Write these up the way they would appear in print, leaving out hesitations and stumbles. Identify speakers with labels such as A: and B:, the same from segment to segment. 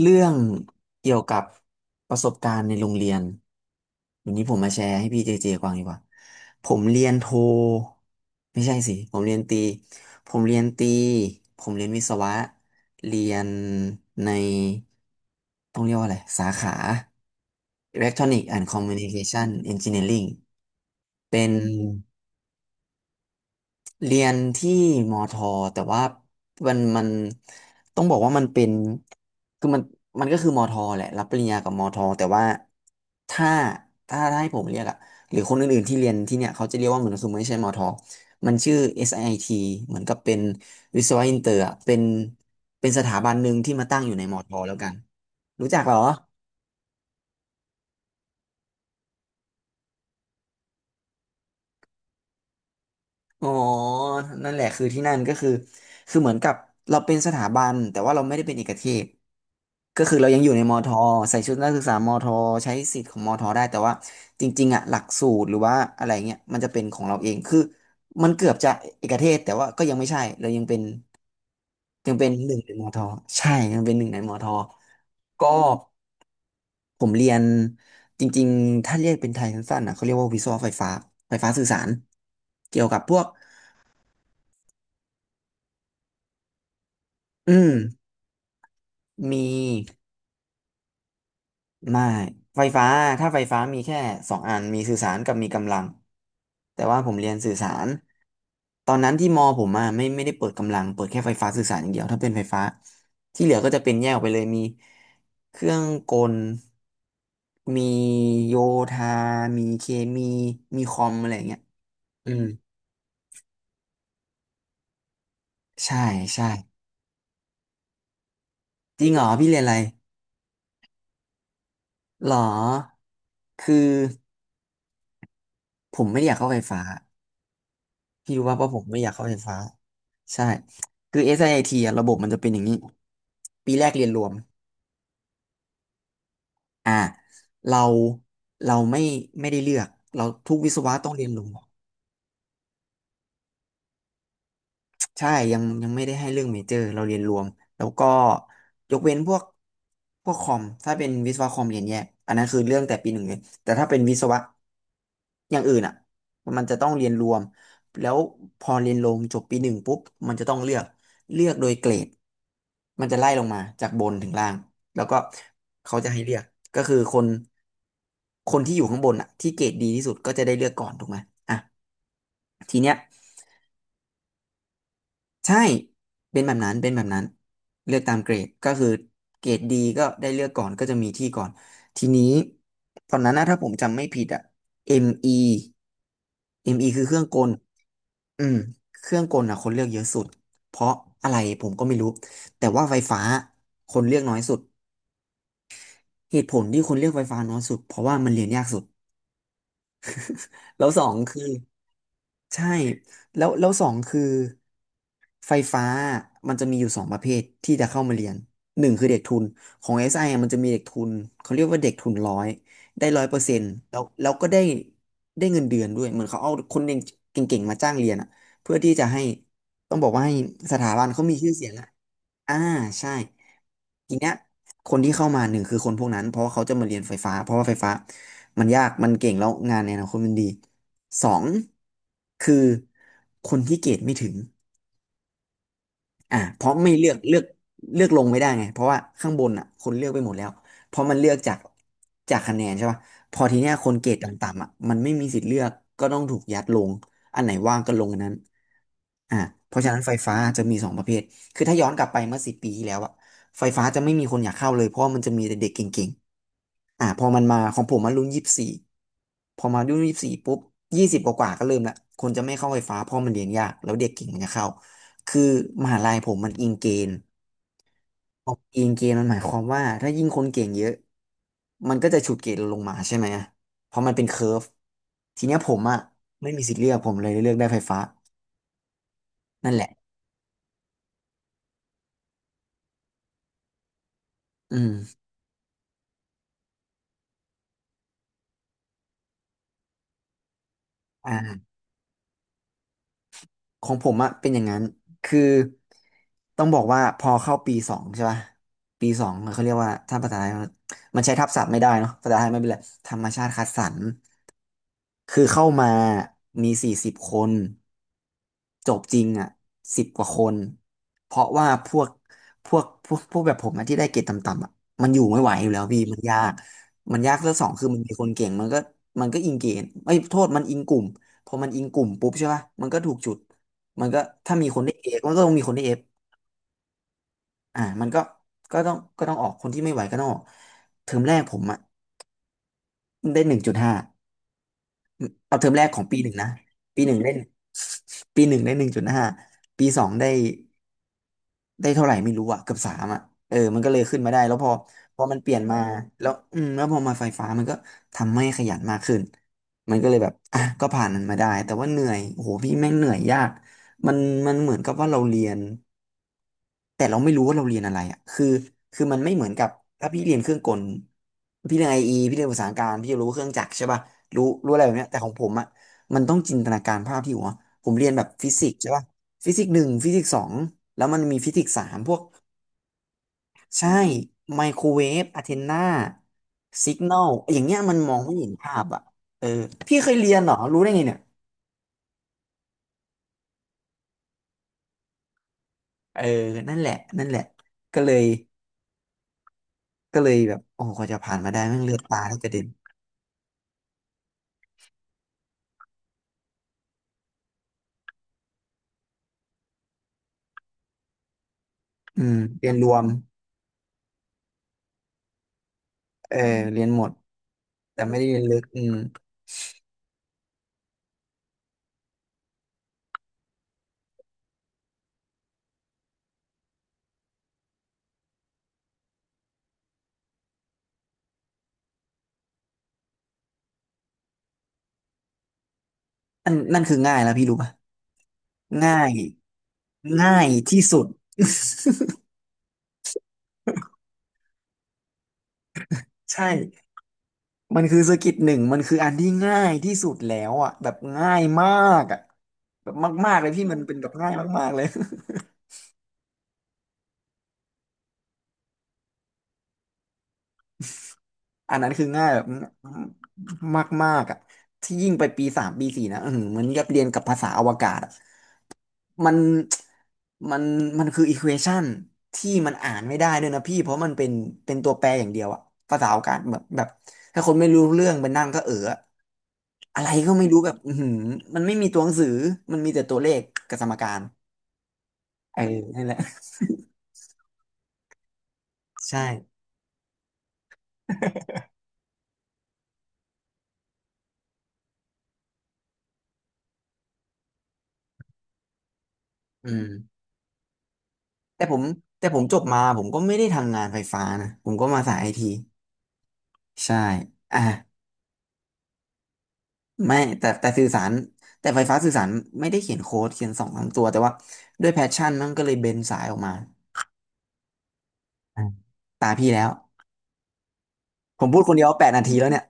A: เรื่องเกี่ยวกับประสบการณ์ในโรงเรียนวันนี้ผมมาแชร์ให้พี่เจเจฟังดีกว่าผมเรียนโทไม่ใช่สิผมเรียนตรีผมเรียนตรีผมเรียนวิศวะเรียนในต้องเรียกว่าอะไรสาขา Electronic and Communication Engineering เป็น เรียนที่มอทอแต่ว่ามันต้องบอกว่ามันเป็นคือมันมันก็คือมอทอแหละรับปริญญากับมอทอแต่ว่าถ้าถ้าให้ผมเรียกอะหรือคนอื่นๆที่เรียนที่เนี่ยเขาจะเรียกว่าเหมือนคือไม่ใช่มอทอมันชื่อเอสไอทีเหมือนกับเป็นวิศวะอินเตอร์อะเป็นเป็นสถาบันหนึ่งที่มาตั้งอยู่ในมอทอแล้วกันรู้จักเหรออ๋อนั่นแหละคือที่นั่นก็คือคือเหมือนกับเราเป็นสถาบันแต่ว่าเราไม่ได้เป็นเอกเทศ ก็คือเรายังอยู่ในมอทอใส่ชุดนักศึกษามอทอใช้สิทธิ์ของมอทอได้แต่ว่าจริงๆอ่ะหลักสูตรหรือว่าอะไรเงี้ยมันจะเป็นของเราเองคือมันเกือบจะเอกเทศแต่ว่าก็ยังไม่ใช่เรายังเป็นยังเป็นหนึ่งในมอทอใช่ยังเป็นหนึ่งในมอทอก็ผมเรียนจริงๆถ้าเรียกเป็นไทยสั้นๆนะเขาเรียกว่าวิศวะไฟฟ้าไฟฟ้าสื่อสารเกี่ยวกับพวกอืมมี ไม่ไฟฟ้าถ้าไฟฟ้ามีแค่สองอันมีสื่อสารกับมีกำลังแต่ว่าผมเรียนสื่อสารตอนนั้นที่มอผมอ่ะไม่ได้เปิดกำลังเปิดแค่ไฟฟ้าสื่อสารอย่างเดียวถ้าเป็นไฟฟ้าที่เหลือก็จะเป็นแยกออกไปเลยมีเครื่องกลมีโยธามีเคมีมีคอมอะไรอย่างเงี้ยอืมใช่ใช่จริงเหรอพี่เรียนอะไรหรอคือผมไม่ได้อยากเข้าไฟฟ้า พี่รู้ว่าเพราะผมไม่อยากเข้าไฟฟ้าใช่คือ SIT อสไอทีอะระบบมันจะเป็นอย่างนี้ปีแรกเรียนรวมอ่าเราเราไม่ไม่ได้เลือกเราทุกวิศวะต้องเรียนรวมใช่ยังไม่ได้ให้เรื่องเมเจอร์เราเรียนรวมแล้วก็ยกเว้นพวกคอมถ้าเป็นวิศวะคอมเรียนแยกอันนั้นคือเรื่องแต่ปีหนึ่งเลยแต่ถ้าเป็นวิศวะ อย่างอื่นอ่ะมันจะต้องเรียนรวมแล้วพอเรียนรวมจบปีหนึ่งปุ๊บมันจะต้องเลือกเลือกโดยเกรดมันจะไล่ลงมาจากบนถึงล่างแล้วก็เขาจะให้เลือกก็คือคนที่อยู่ข้างบนอ่ะที่เกรดดีที่สุดก็จะได้เลือกก่อนถูกไหมอ่ะทีเนี้ยใช่เป็นแบบนั้นเป็นแบบนั้นเลือกตามเกรดก็คือเกรดดีก็ได้เลือกก่อนก็จะมีที่ก่อนทีนี้ตอนนั้นนะถ้าผมจำไม่ผิดอ่ะ ME ME คือเครื่องกล อืมเครื่องกลน่ะคนเลือกเยอะสุดเพราะอะไรผมก็ไม่รู้แต่ว่าไฟฟ้าคนเลือกน้อยสุดเหตุผลที่คนเลือกไฟฟ้าน้อยสุดเพราะว่ามันเรียนยากสุดแล้วสองคือ ใช่แล้วสองคือไฟฟ้ามันจะมีอยู่สองประเภทที่จะเข้ามาเรียนหนึ่งคือเด็กทุนของ SI อสไออะมันจะมีเด็กทุนเขาเรียกว่าเด็กทุนร้อยได้100%แล้วก็ได้ได้เงินเดือนด้วยเหมือนเขาเอาคนเก่งเก่งๆมาจ้างเรียนอะเพื่อที่จะให้ต้องบอกว่าให้สถาบันเขามีชื่อเสียงอะ อ่าใช่ทีเนี้ยคนที่เข้ามาหนึ่งคือคนพวกนั้นเพราะว่าเขาจะมาเรียนไฟฟ้าเพราะว่าไฟฟ้ามันยากมันเก่งแล้วงานในอนาคตมันดีสองคือคนที่เกรดไม่ถึง อ่าเพราะไม่เลือกเลือกเลือกลงไม่ได้ไงเพราะว่าข้างบนอ่ะคนเลือกไปหมดแล้วเพราะมันเลือกจากจากคะแนนใช่ป่ะพอทีเนี้ยคนเกรดต่ำๆอ่ะมันไม่มีสิทธิ์เลือกก็ต้องถูกยัดลงอันไหนว่างก็ลงอันนั้นอ่าเพราะฉะนั้นไฟฟ้าจะมีสองประเภทคือถ้าย้อนกลับไปเมื่อ10 ปีที่แล้วอ่ะไฟฟ้าจะไม่มีคนอยากเข้าเลยเพราะว่ามันจะมีแต่เด็กเก่ง พอมันมาของผมมันรุ่นยี่สิบสี่พอมารุ่นยี่สิบสี่ปุ๊บยี่สิบกว่าๆก็เริ่มละคนจะไม่เข้าไฟฟ้าเพราะมันเรียนยากแล้วเด็กเก่งมันจะเข้าคือมหาลัยผมมันอิงเกณฑ์พออิงเกณฑ์มันหมายความว่าถ้ายิ่งคนเก่งเยอะมันก็จะฉุดเกรดเราลงมาใช่ไหมเพราะมันเป็นเคอร์ฟทีเนี้ยผมอ่ะไม่มีสิทธิ์เลือกผมเลยเลือกได้ไฟฟ้านั่นแหละอืมอ่า ของผมอะเป็นอย่างนั้น คือต้องบอกว่าพอเข้าปีสองใช่ป่ะปีสองเขาเรียกว่าถ้าภาษาไทยมันใช้ทับศัพท์ไม่ได้เนาะภาษาไทยไม่เป็นไรธรรมชาติคัดสรร คือเข้ามามี40คนจบจริงอ่ะสิบกว่าคนเพราะว่าพวกแบบผมอะที่ได้เกรดต่ำๆอ่ะมันอยู่ไม่ไหวอยู่แล้วพี่มันยากมันยากแล้วสองคือมันมีคนเก่งมันก็อิงเกณฑ์ไอ้ยโทษมันอิงกลุ่มพอมันอิงกลุ่มปุ๊บใช่ป่ะมันก็ถูกจุดมันก็ถ้ามีคนได้เอมันก็ต้องมีคนได้เอฟมันก็ก็ต้องออกคนที่ไม่ไหวก็ต้องออกเทอมแรกผมอ่ะได้หนึ่งจุดห้า เอาเทอมแรกของปีหนึ่งนะปีหนึ่งได้ปีหนึ่งได้หนึ่งจุดห้าปีสองได้เท่าไหร่ไม่รู้อะเกือบสามอะเออมันก็เลยขึ้นมาได้แล้วพอมันเปลี่ยนมาแล้วอืมแล้วพอมาไฟฟ้ามันก็ทำให้ขยันมากขึ้นมันก็เลยแบบอ่ะก็ผ่านมันมาได้แต่ว่าเหนื่อยโอ้โหพี่แม่งเหนื่อยยากมันมันเหมือนกับว่าเราเรียน แต่เราไม่รู้ว่าเราเรียนอะไรอ่ะคือมันไม่เหมือนกับถ้าพี่เรียนเครื่องกลพี่เรียนไอเอพี่เรียนภาษาการพี่จะรู้เครื่องจักรใช่ป่ะรู้อะไรแบบเนี้ยแต่ของผมอ่ะมันต้องจินตนาการภาพที่หัวผมเรียนแบบฟิสิกส์ใช่ป่ะฟิสิกส์หนึ่งฟิสิกส์สองแล้วมันมีฟิสิกส์สามพวกใช่ไมโครเวฟอะเทนนาสิกนลอย่างเงี้ยมันมองไม่เห็นภาพอ่ะเออพี่เคยเรียนเหรอรู้ได้ไงเนี่ยเออนั่นแหละนั่นแหละก็เลยก็เลยแบบโอ้โหกว่าจะผ่านมาได้แม่งเลือดตาแทบกระเด็น อืมเรียนรวมเออเรียนหมดแต่ไม่ได้เรียนลึกอืมนั่นนั่นคือง่ายแล้วพี่รู้ป่ะง่ายง่ายที่สุดใช่มันคือสกิลหนึ่งมันคืออันที่ง่ายที่สุดแล้วอ่ะแบบง่ายมากอ่ะแบบมากๆเลยพี่มันเป็นแบบง่ายมากๆเลย อันนั้นคือง่ายแบบมากมากๆอ่ะที่ยิ่งไปปีสามปีสี่นะเออเหมือนกับเรียนกับภาษาอวกาศอะ มัน มันมันคืออีควอชันที่มันอ่านไม่ได้ด้วยนะพี่เพราะมันเป็นเป็นตัวแปรอย่างเดียวอะภาษาโอากาศแบบถ้าคนไม่รู้เรื่องไปนั่งก็เอออะอะไรก็ไม่รู้แบบอือหือมันไม่มีตัวหนังสือมันมีแต่ตัวเลขกับสมการเออนั่นแหละ ใช่อืมแต่ผมแต่ผมจบมาผมก็ไม่ได้ทำงานไฟฟ้านะผมก็มาสายไอทีใช่อ่ะ ไม่แต่สื่อสารแต่ไฟฟ้าสื่อสารไม่ได้เขียนโค้ดเขียนสองสามตัวแต่ว่าด้วยแพชชั่นมันก็เลยเบนสายออกมาอ่ะตาพี่แล้วผมพูดคนเดียว8นาทีแล้วเนี่ย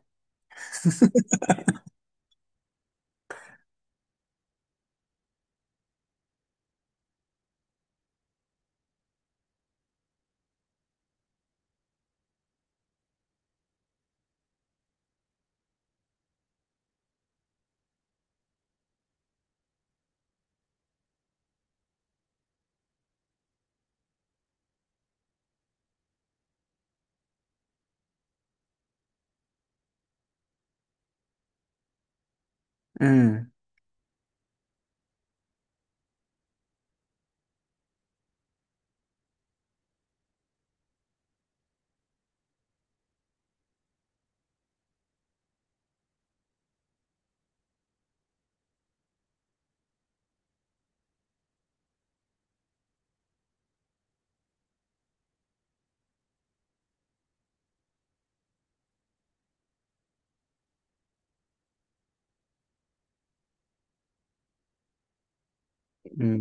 A: อืมอืม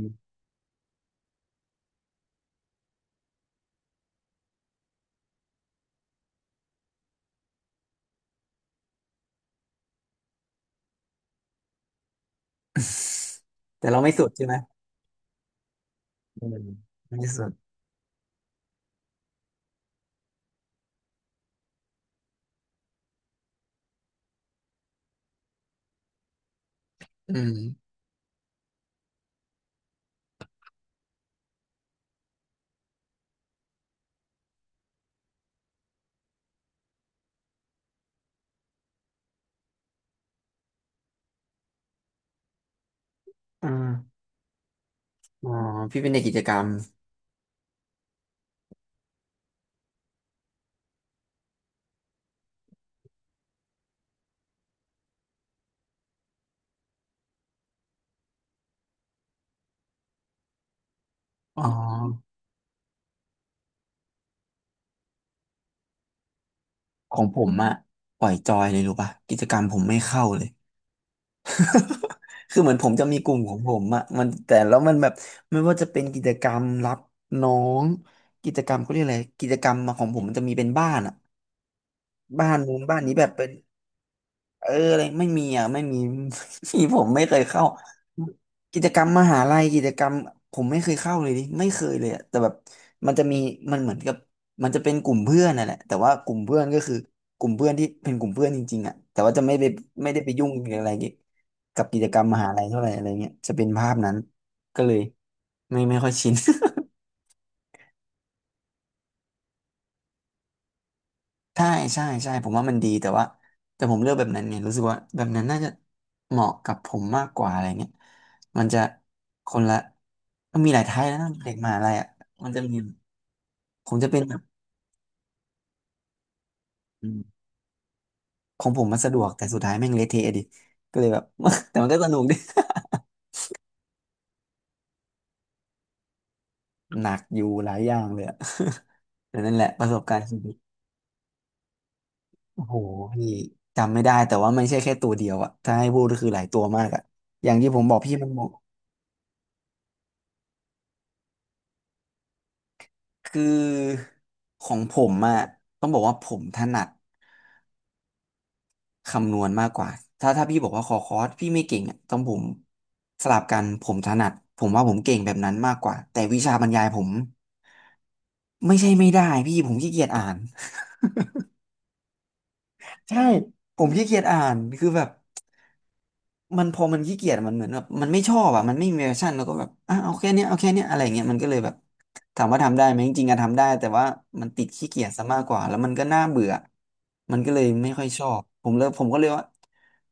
A: แต่เราไม่สุดใช่ไหมอืมไม่สุดอืมอ่าอ๋อพี่เป็นเด็กกิจกรรมอ๋อของผมอะปล่อยจอยเลยรู้ป่ะกิจกรรมผมไม่เข้าเลย คือเหมือนผมจะมีกลุ่มของผมอะมันแต่แล้วมันแบบไม่ว่าจะเป็นกิจกรรมรับน้องกิจกรรมเขาเรียกอะไรกิจกรรมมาของผมมันจะมีเป็นบ้านอะบ้านนู้นบ้านนี้แบบเป็น เอออะไรไม่มีอ่ะไม่มี ที่ผมไม่เคยเข้ากิจกรรมมหาลัยกิจกรรมผมไม่เคยเข้าเลยดิไม่เคยเลยอ่ะแต่แบบมันจะมีมันเหมือนกับมันจะเป็นกลุ่มเพื่อนน่ะแหละแต่ว่ากลุ่มเพื่อนก็คือกลุ่มเพื่อนที่เป็นกลุ่มเพื่อนจริงๆอ่ะแต่ว่าจะไม่ไปไม่ได้ไปยุ่งหรืออะไรเกี่ยวกับกิจกรรมมหาลัยเท่าไหร่อะไรเงี้ยจะเป็นภาพนั้นก็เลยไม่ค่อยชิน ใช่ใช่ใช่ผมว่ามันดีแต่ว่าแต่ผมเลือกแบบนั้นไงรู้สึกว่าแบบนั้นน่าจะเหมาะกับผมมากกว่าอะไรเงี้ยมันจะคนละมันมีหลายไทป์แล้วนะเด็กมหาลัยอ่ะมันจะมีผมจะเป็นแบบอืมของผมมันสะดวกแต่สุดท้ายแม่งเละเทะดิก็เลยแบบ แต่มันก็สนุกดิหนักอยู่หลายอย่างเลยอะ แต่นั่นแหละประสบการณ์ชีวิตโอ้โหพี่จำไม่ได้แต่ว่ามันไม่ใช่แค่ตัวเดียวอ่ะถ้าให้พูดก็คือหลายตัวมากอ่ะอย่างที่ผมบอกพี่มันหมด คือของผมอะต้องบอกว่าผมถนัดคำนวณมากกว่าถ้าถ้าพี่บอกว่าขอคอร์สพี่ไม่เก่งอะต้องผมสลับกันผมถนัดผมว่าผมเก่งแบบนั้นมากกว่าแต่วิชาบรรยายผมไม่ได้พี่ผมขี้เกียจอ่าน ใช่ผมขี้เกียจอ่านคือแบบ มันพอมันขี้เกียจมันเหมือนแบบมันไม่ชอบอ่ะมันไม่มีแพชชั่นแล้วก็แบบอ่ะเอาแค่เนี้ยเอาแค่เนี้ยอะไรเงี้ยมันก็เลยแบบถามว่าทำได้ไหมจริงๆอะทำได้แต่ว่ามันติดขี้เกียจซะมากกว่าแล้วมันก็น่าเบื่อมันก็เลยไม่ค่อยชอบผมเลยผมก็เลยว่า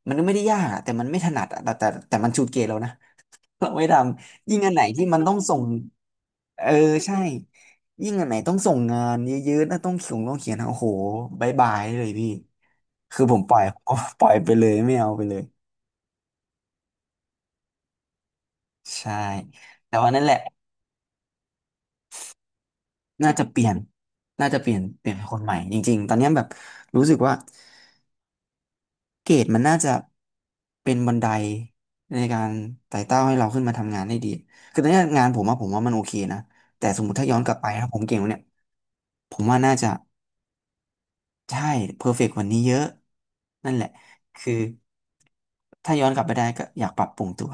A: มันไม่ได้ยากอะแต่มันไม่ถนัดอะแต่มันชูดเกยเรานะ เราไม่ทำยิ่งอันไหนที่มันต้องส่งเออใช่ยิ่งอันไหนต้องส่งงานเยอะๆนะต้องเขียนต้องเขียนอะโอ้โหบายบายเลยพี่คือผมปล่อย ปล่อยไปเลยไม่เอาไปเลย ใช่แต่ว่านั่นแหละน่าจะเปลี่ยนน่าจะเปลี่ยนเปลี่ยนคนใหม่จริงๆตอนเนี้ยแบบรู้สึกว่าเกรดมันน่าจะเป็นบันไดในการไต่เต้าให้เราขึ้นมาทำงานได้ดีคือตอนเนี้ยงานผมว่ามันโอเคนะแต่สมมติถ้าย้อนกลับไปถ้าผมเก่งกว่าเนี่ยผมว่าน่าจะใช่เพอร์เฟกต์กวันนี้เยอะนั่นแหละคือถ้าย้อนกลับไปได้ก็อยากปรับปรุงตัว